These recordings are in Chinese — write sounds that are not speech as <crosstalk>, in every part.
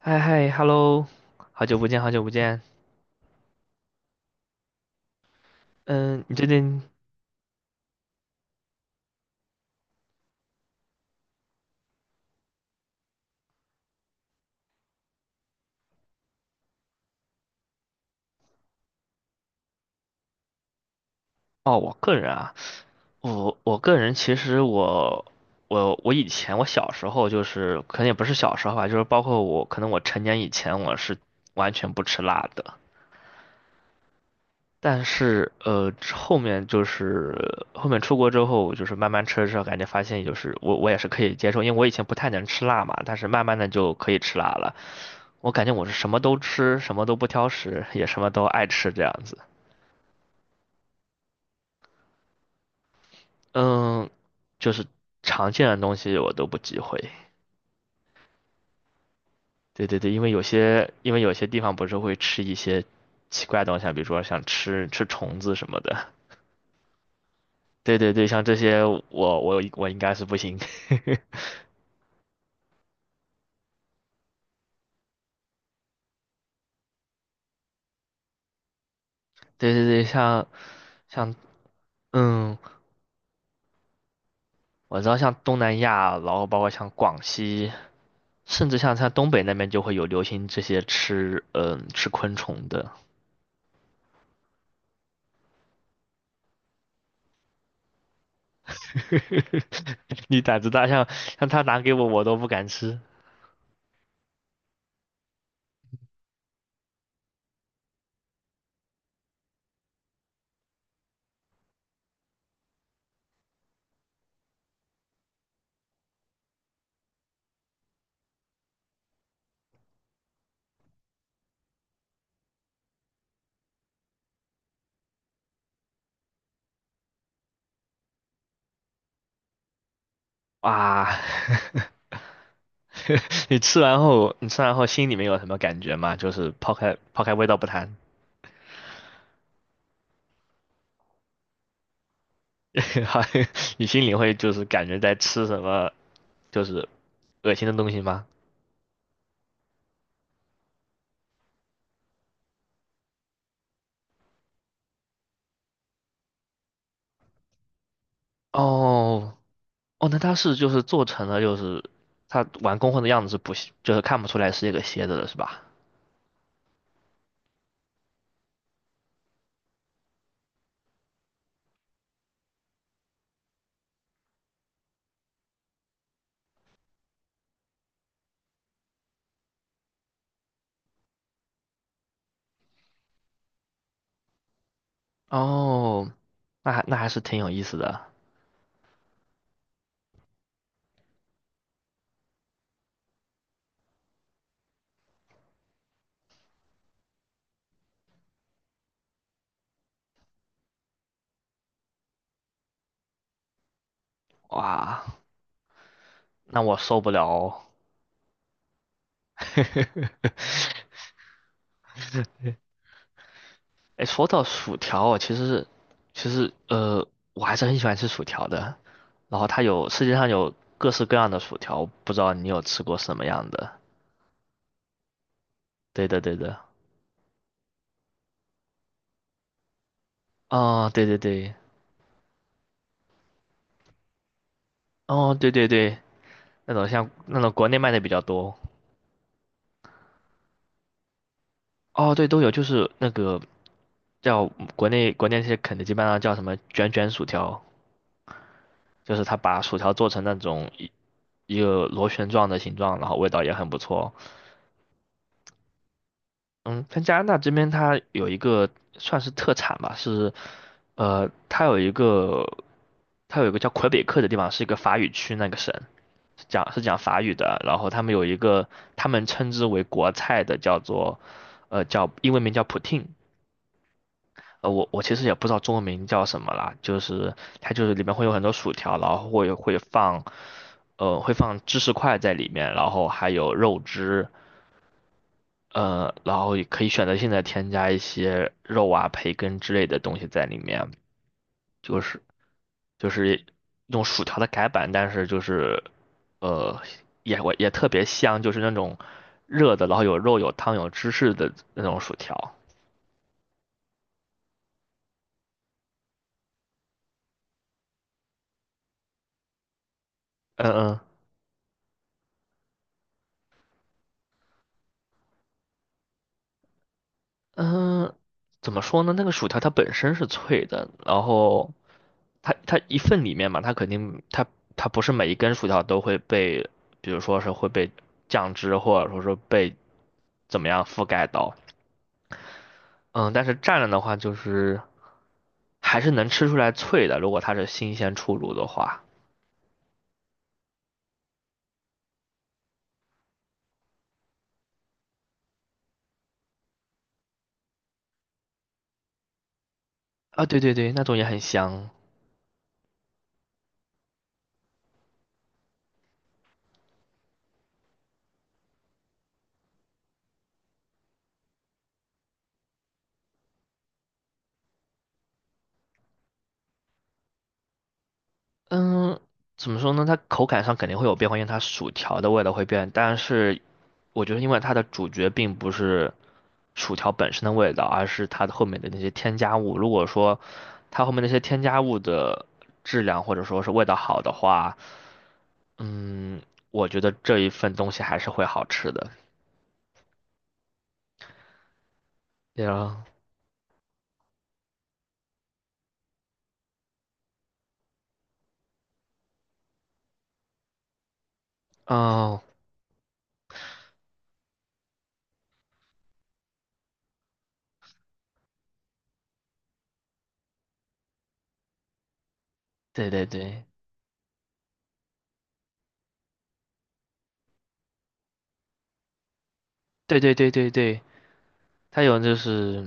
嗨嗨，Hello，好久不见，好久不见。嗯，你最近哦，我个人啊，我个人其实我我以前我小时候就是可能也不是小时候吧，就是包括我可能我成年以前我是完全不吃辣的，但是后面就是后面出国之后，就是慢慢吃了之后，感觉发现就是我也是可以接受，因为我以前不太能吃辣嘛，但是慢慢的就可以吃辣了。我感觉我是什么都吃，什么都不挑食，也什么都爱吃这样子。嗯，就是常见的东西我都不忌讳。对对对，因为有些地方不是会吃一些奇怪的东西啊比如说像吃虫子什么的。对对对，像这些我应该是不行。<laughs> 对对对，像嗯，我知道像东南亚，然后包括像广西，甚至像东北那边就会有流行这些吃昆虫的。<laughs> 你胆子大，像他拿给我都不敢吃。哇，<laughs> 你吃完后，心里面有什么感觉吗？就是抛开味道不谈，<laughs> 你心里会就是感觉在吃什么，就是恶心的东西吗？哦哦，那它是就是做成了就是它完工后的样子是不是就是看不出来是一个蝎子的是吧？哦，那还是挺有意思的，哇，那我受不了哦。<laughs> 哎，说到薯条哦，其实，我还是很喜欢吃薯条的。然后它有世界上有各式各样的薯条，不知道你有吃过什么样的？对的，对的。哦，对对对，哦，对对对，那种像那种国内卖的比较多。哦，对，都有，就是那个叫国内那些肯德基、麦当劳叫什么卷卷薯条，就是它把薯条做成那种一个螺旋状的形状，然后味道也很不错。嗯，在加拿大这边，它有一个算是特产吧，是，它有一个叫魁北克的地方，是一个法语区那个省，讲是讲法语的。然后他们有一个他们称之为国菜的，叫做叫英文名叫 poutine，我其实也不知道中文名叫什么啦，就是它就是里面会有很多薯条，然后会放芝士块在里面，然后还有肉汁。然后也可以选择性的添加一些肉啊、培根之类的东西在里面，就是就是用薯条的改版，但是就是呃我也特别香，就是那种热的，然后有肉、有汤、有芝士的那种薯条。嗯嗯嗯，怎么说呢？那个薯条它本身是脆的，然后它一份里面嘛，它肯定它不是每一根薯条都会被，比如说是会被酱汁或者说是被怎么样覆盖到。嗯，但是蘸了的话，就是还是能吃出来脆的，如果它是新鲜出炉的话。啊，对对对，那种也很香。嗯，怎么说呢？它口感上肯定会有变化，因为它薯条的味道会变。但是，我觉得因为它的主角并不是薯条本身的味道，而是它的后面的那些添加物。如果说它后面那些添加物的质量或者说是味道好的话，嗯，我觉得这一份东西还是会好吃的。对啊，哦，对对对对对对对对，它有就是。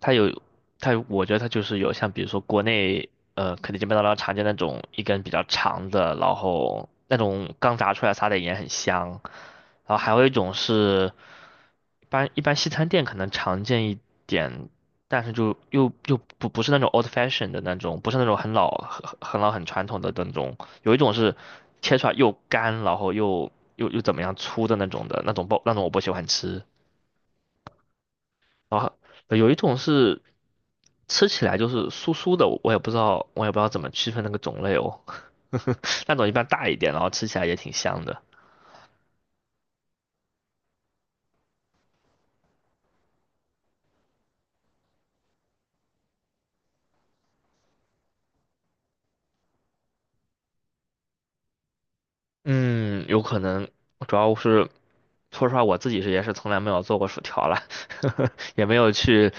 它有它有，我觉得它就是有像比如说国内肯德基、麦当劳常见那种一根比较长的，然后那种刚炸出来撒点盐很香，然后还有一种是一般西餐店可能常见一点，但是就又不是那种 old fashion 的那种，不是那种很老很老很传统的那种，有一种是切出来又干，然后又怎么样粗的那种的那种包那种我不喜欢吃。对有一种是吃起来就是酥酥的，我也不知道，怎么区分那个种类哦。<laughs> 那种一般大一点，然后吃起来也挺香的。嗯，有可能，主要是说实话，我自己也是从来没有做过薯条了，<laughs> 也没有去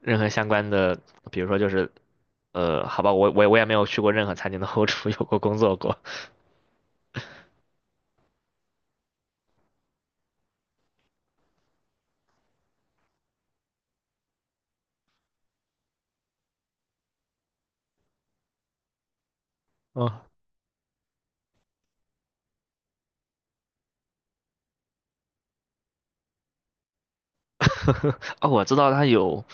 任何相关的，比如说就是，好吧，我也没有去过任何餐厅的后厨有过工作过。<laughs> 嗯 <laughs> 哦，我知道它有，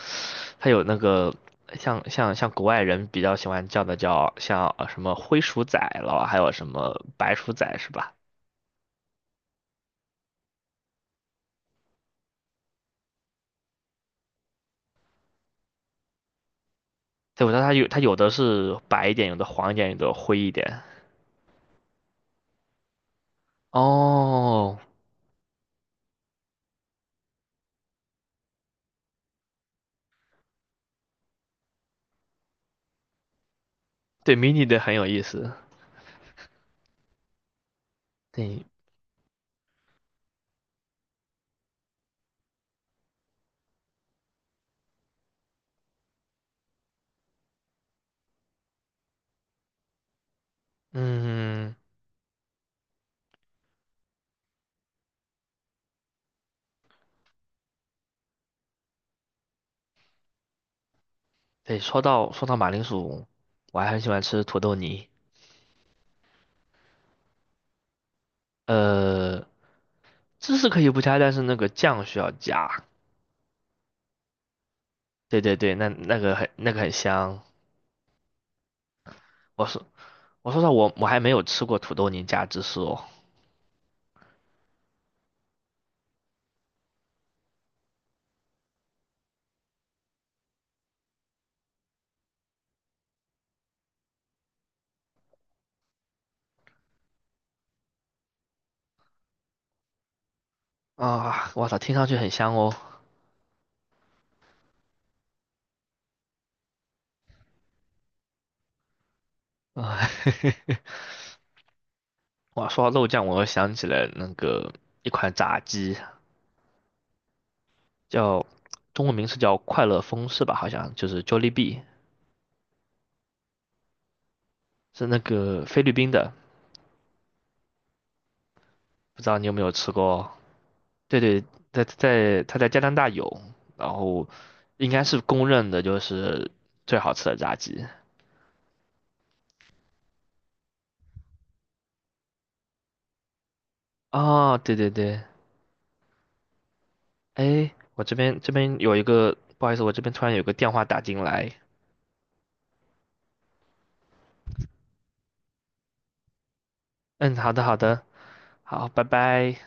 它有那个像国外人比较喜欢叫的叫像什么灰鼠仔了，还有什么白鼠仔是吧？对，我知道它有的是白一点，有的黄一点，有的灰一点。哦，对，mini 的很有意思。对，嗯，对，说到马铃薯，我还很喜欢吃土豆泥。呃，芝士可以不加，但是那个酱需要加。对对对，那那个很那个很香。我是我说实话，我还没有吃过土豆泥加芝士哦。啊，我操，听上去很香哦。啊，<laughs> 哇，说到肉酱，我又想起来那个一款炸鸡，叫中文名是叫快乐风是吧？好像就是 Jollibee，是那个菲律宾的，不知道你有没有吃过哦？对对，在他在加拿大有，然后应该是公认的就是最好吃的炸鸡。哦，对对对，哎，我这边有一个，不好意思，我这边突然有个电话打进来，嗯，好的，好的，好，拜拜。